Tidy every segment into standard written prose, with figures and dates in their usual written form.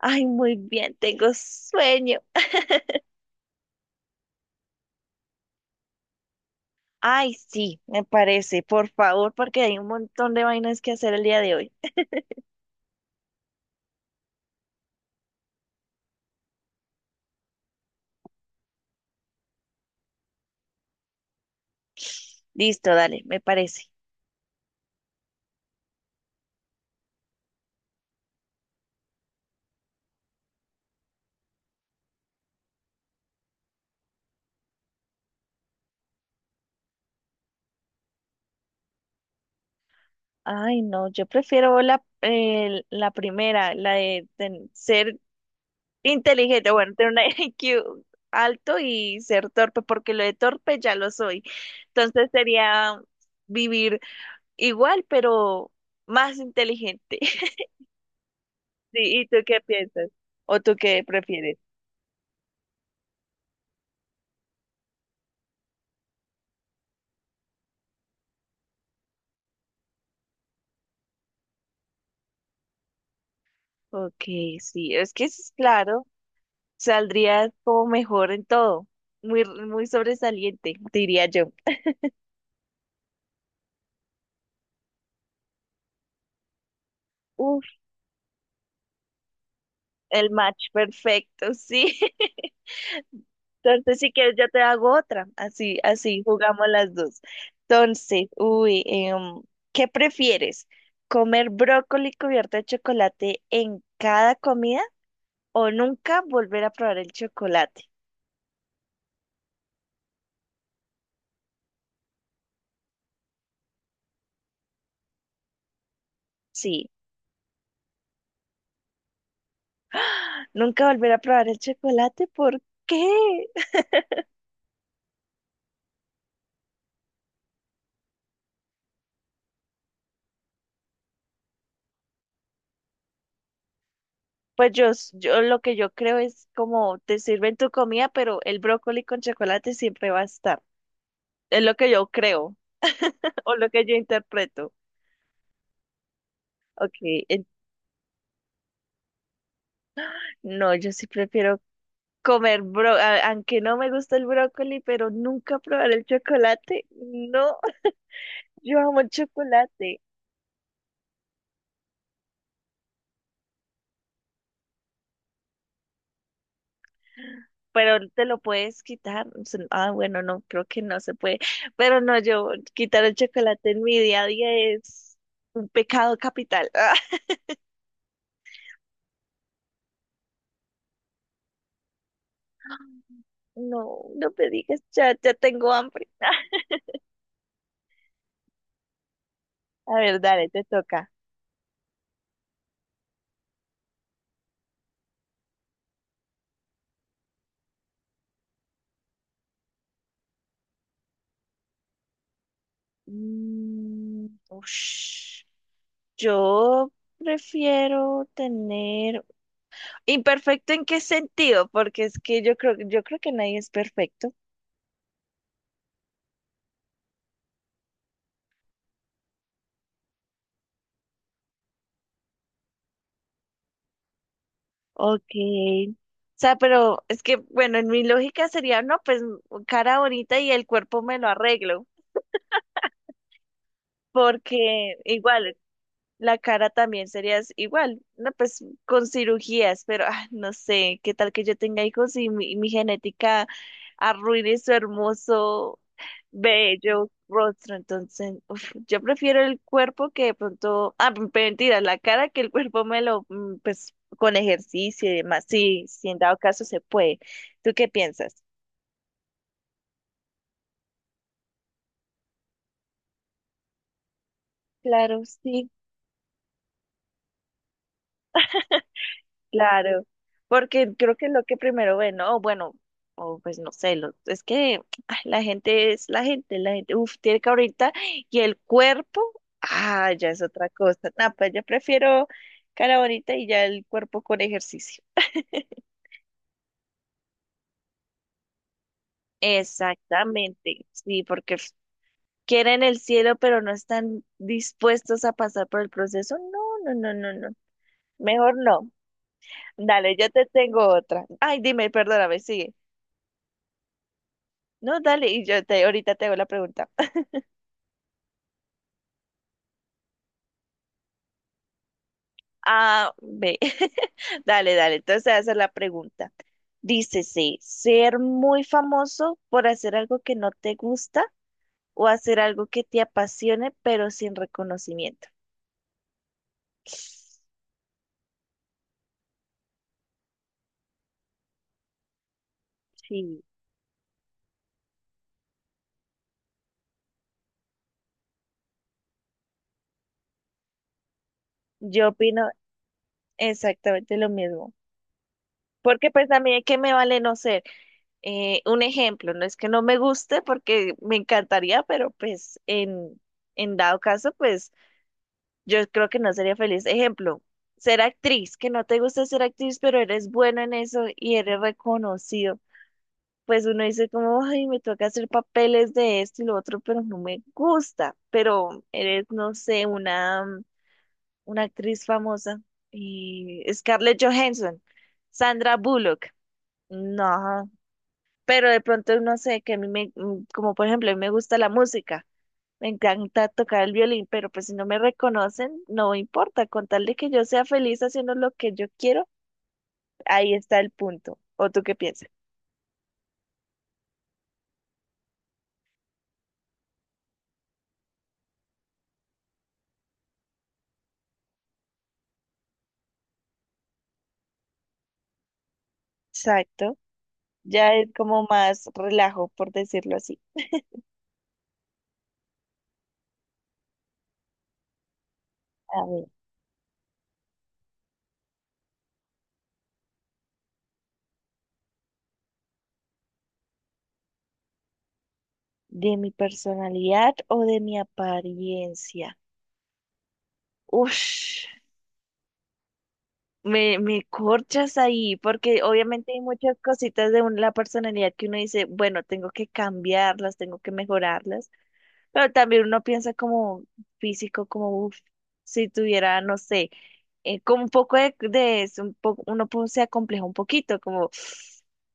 Ay, muy bien, tengo sueño. Ay, sí, me parece, por favor, porque hay un montón de vainas que hacer el día de hoy. Listo, dale, me parece. Ay, no, yo prefiero la, la primera, ser inteligente, bueno, tener un IQ alto y ser torpe, porque lo de torpe ya lo soy. Entonces sería vivir igual, pero más inteligente. Sí, ¿y tú qué piensas? ¿O tú qué prefieres? Ok, sí, es que es claro, saldría como mejor en todo, muy, muy sobresaliente, diría yo. Uf, el match perfecto, sí. Entonces, si quieres, yo te hago otra, así, así jugamos las dos. Entonces, uy, ¿qué prefieres? ¿Comer brócoli cubierto de chocolate en cada comida o nunca volver a probar el chocolate? Sí, nunca volver a probar el chocolate, ¿por qué? Pues yo lo que yo creo es como te sirven tu comida, pero el brócoli con chocolate siempre va a estar. Es lo que yo creo, o lo que yo interpreto. Ok, en- no, yo sí prefiero comer aunque no me gusta el brócoli, pero nunca probar el chocolate. No, yo amo el chocolate, pero te lo puedes quitar. O sea, ah, bueno, no, creo que no se puede. Pero no, yo quitar el chocolate en mi día a día es un pecado capital. No, no me digas, ya, ya tengo hambre. A ver, dale, te toca. Mm, ush. Yo prefiero tener imperfecto en qué sentido, porque es que yo creo que nadie es perfecto. Ok. O sea, pero es que, bueno, en mi lógica sería, no, pues cara bonita y el cuerpo me lo arreglo, porque igual la cara también sería igual, no, pues con cirugías, pero no sé, qué tal que yo tenga hijos y mi genética arruine su hermoso, bello rostro. Entonces, uf, yo prefiero el cuerpo que de pronto, mentira, la cara, que el cuerpo me lo, pues con ejercicio y demás, sí, si en dado caso se puede. ¿Tú qué piensas? Claro, sí. Claro, porque creo que es lo que primero ven, ¿no? O bueno, o pues no sé, es que ay, la gente es la gente, tiene que ahorita, y el cuerpo, ya es otra cosa. No, pues yo prefiero cara bonita y ya el cuerpo con ejercicio. Exactamente, sí, porque quieren el cielo, pero no están dispuestos a pasar por el proceso. No, no, no, no, no, mejor no. Dale, yo te tengo otra. Ay, dime, perdóname, sigue. No, dale, y ahorita te hago la pregunta. Ah, ve. Dale, dale, entonces te voy a hacer la pregunta. Dícese, ser muy famoso por hacer algo que no te gusta o hacer algo que te apasione pero sin reconocimiento. Sí, yo opino exactamente lo mismo. Porque pues también que me vale no ser un ejemplo, no es que no me guste porque me encantaría, pero pues en dado caso, pues yo creo que no sería feliz. Ejemplo, ser actriz, que no te gusta ser actriz, pero eres bueno en eso y eres reconocido. Pues uno dice como, ay, me toca hacer papeles de esto y lo otro, pero no me gusta. Pero eres, no sé, una, actriz famosa. Y Scarlett Johansson, Sandra Bullock. No, pero de pronto no sé, que a mí me, mm, como por ejemplo, a mí me gusta la música. Me encanta tocar el violín, pero pues si no me reconocen, no importa. Con tal de que yo sea feliz haciendo lo que yo quiero, ahí está el punto. ¿O tú qué piensas? Exacto. Ya es como más relajo, por decirlo así. A ver, de mi personalidad o de mi apariencia. Ush, me corchas ahí, porque obviamente hay muchas cositas de la personalidad que uno dice, bueno, tengo que cambiarlas, tengo que mejorarlas. Pero también uno piensa como físico, como si tuviera, no sé, como un poco de es un poco, se acompleja un poquito, como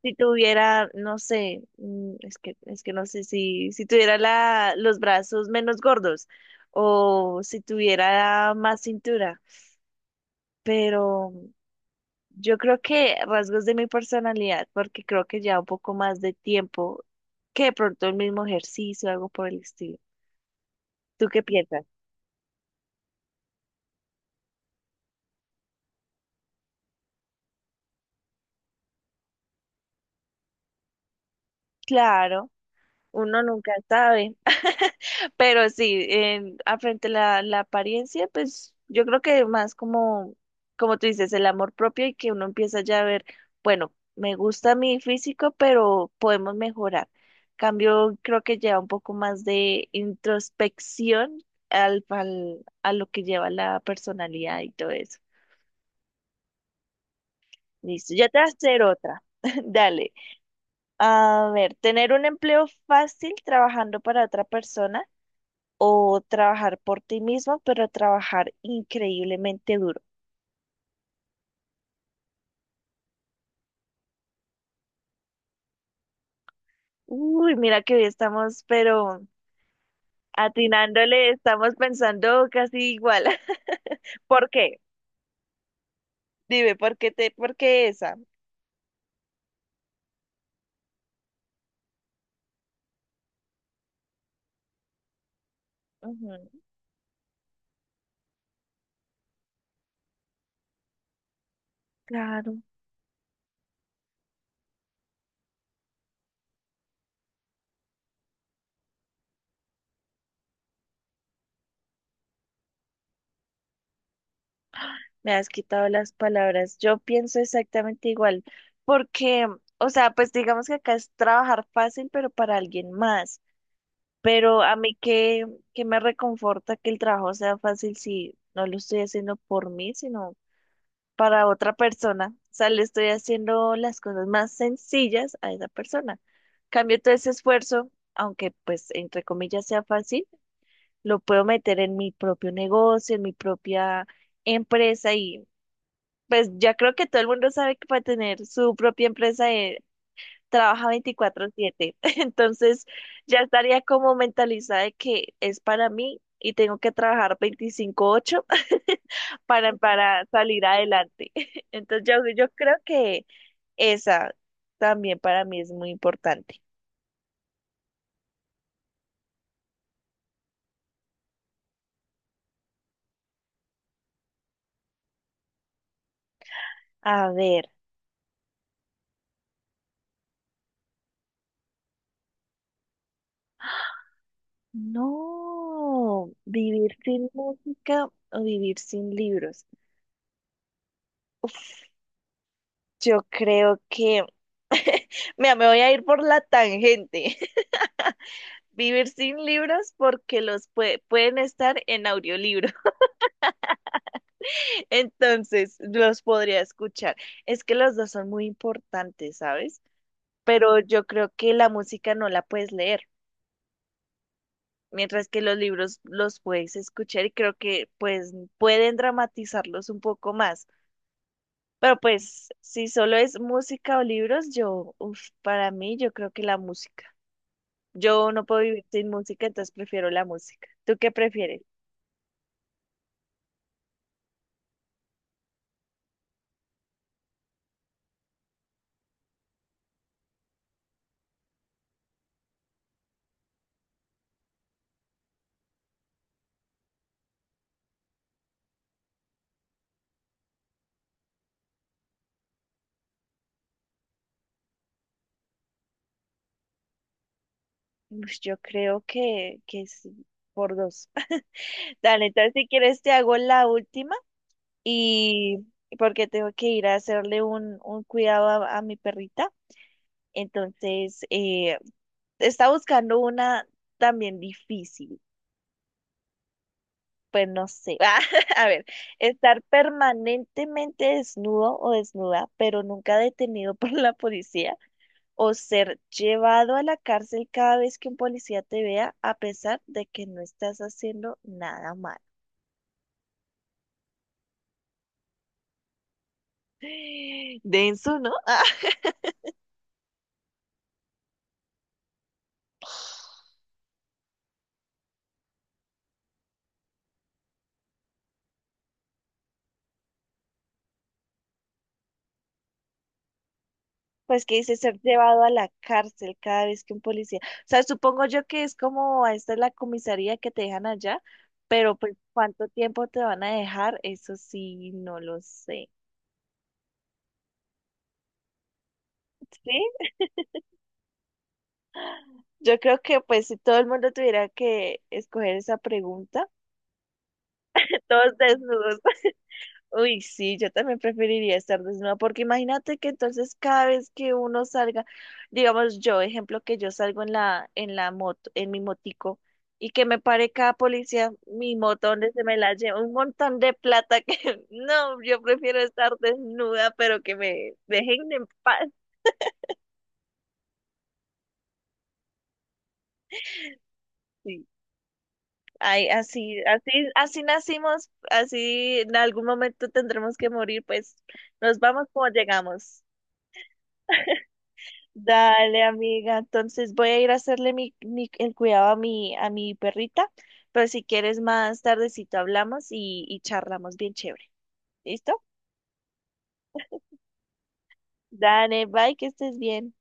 si tuviera, no sé, es que no sé si, si tuviera los brazos menos gordos o si tuviera más cintura, pero yo creo que rasgos de mi personalidad, porque creo que ya un poco más de tiempo que de pronto el mismo ejercicio, algo por el estilo. ¿Tú qué piensas? Claro, uno nunca sabe, pero sí, a frente a la apariencia, pues yo creo que más como tú dices, el amor propio y que uno empieza ya a ver, bueno, me gusta mi físico, pero podemos mejorar. Cambio, creo que lleva un poco más de introspección a lo que lleva la personalidad y todo eso. Listo, ya te voy a hacer otra. Dale. A ver, tener un empleo fácil trabajando para otra persona o trabajar por ti mismo, pero trabajar increíblemente duro. Uy, mira que hoy estamos, pero atinándole, estamos pensando casi igual. ¿Por qué? Dime, por qué esa? Ujú, claro, me has quitado las palabras. Yo pienso exactamente igual, porque, o sea, pues digamos que acá es trabajar fácil, pero para alguien más. Pero a mí que me reconforta que el trabajo sea fácil si no lo estoy haciendo por mí, sino para otra persona. O sea, le estoy haciendo las cosas más sencillas a esa persona. Cambio todo ese esfuerzo, aunque pues entre comillas sea fácil, lo puedo meter en mi propio negocio, en mi propia empresa y pues ya creo que todo el mundo sabe que para tener su propia empresa trabaja 24/7. Entonces ya estaría como mentalizada de que es para mí y tengo que trabajar 25/8. Para salir adelante. Entonces yo creo que esa también para mí es muy importante. A ver, no, vivir sin música o vivir sin libros. Uf, yo creo que, mira, me voy a ir por la tangente. Vivir sin libros porque los pueden estar en audiolibro. Entonces, los podría escuchar. Es que los dos son muy importantes, ¿sabes? Pero yo creo que la música no la puedes leer, mientras que los libros los puedes escuchar y creo que pues pueden dramatizarlos un poco más. Pero pues si solo es música o libros, para mí yo creo que la música. Yo no puedo vivir sin música, entonces prefiero la música. ¿Tú qué prefieres? Ush, yo creo que sí, por dos. Dale, entonces si quieres te hago la última y porque tengo que ir a hacerle un cuidado a mi perrita. Entonces, está buscando una también difícil. Pues no sé. A ver, ¿estar permanentemente desnudo o desnuda, pero nunca detenido por la policía, o ser llevado a la cárcel cada vez que un policía te vea a pesar de que no estás haciendo nada malo? Denso, ¿no? Ah, pues que dice ser llevado a la cárcel cada vez que un policía. O sea, supongo yo que es como esta es la comisaría que te dejan allá, pero pues cuánto tiempo te van a dejar, eso sí, no lo sé. Sí, yo creo que pues si todo el mundo tuviera que escoger esa pregunta, todos desnudos. Uy, sí, yo también preferiría estar desnuda, porque imagínate que entonces cada vez que uno salga, digamos yo, ejemplo que yo salgo en la moto, en mi motico, y que me pare cada policía, mi moto donde se me la lleva, un montón de plata que, no, yo prefiero estar desnuda, pero que me dejen en paz. Sí. Ay, así, así, así nacimos, así en algún momento tendremos que morir, pues nos vamos como llegamos. Dale, amiga. Entonces voy a ir a hacerle el cuidado a mi perrita, pero si quieres más tardecito hablamos y charlamos bien chévere. ¿Listo? Dale, bye, que estés bien.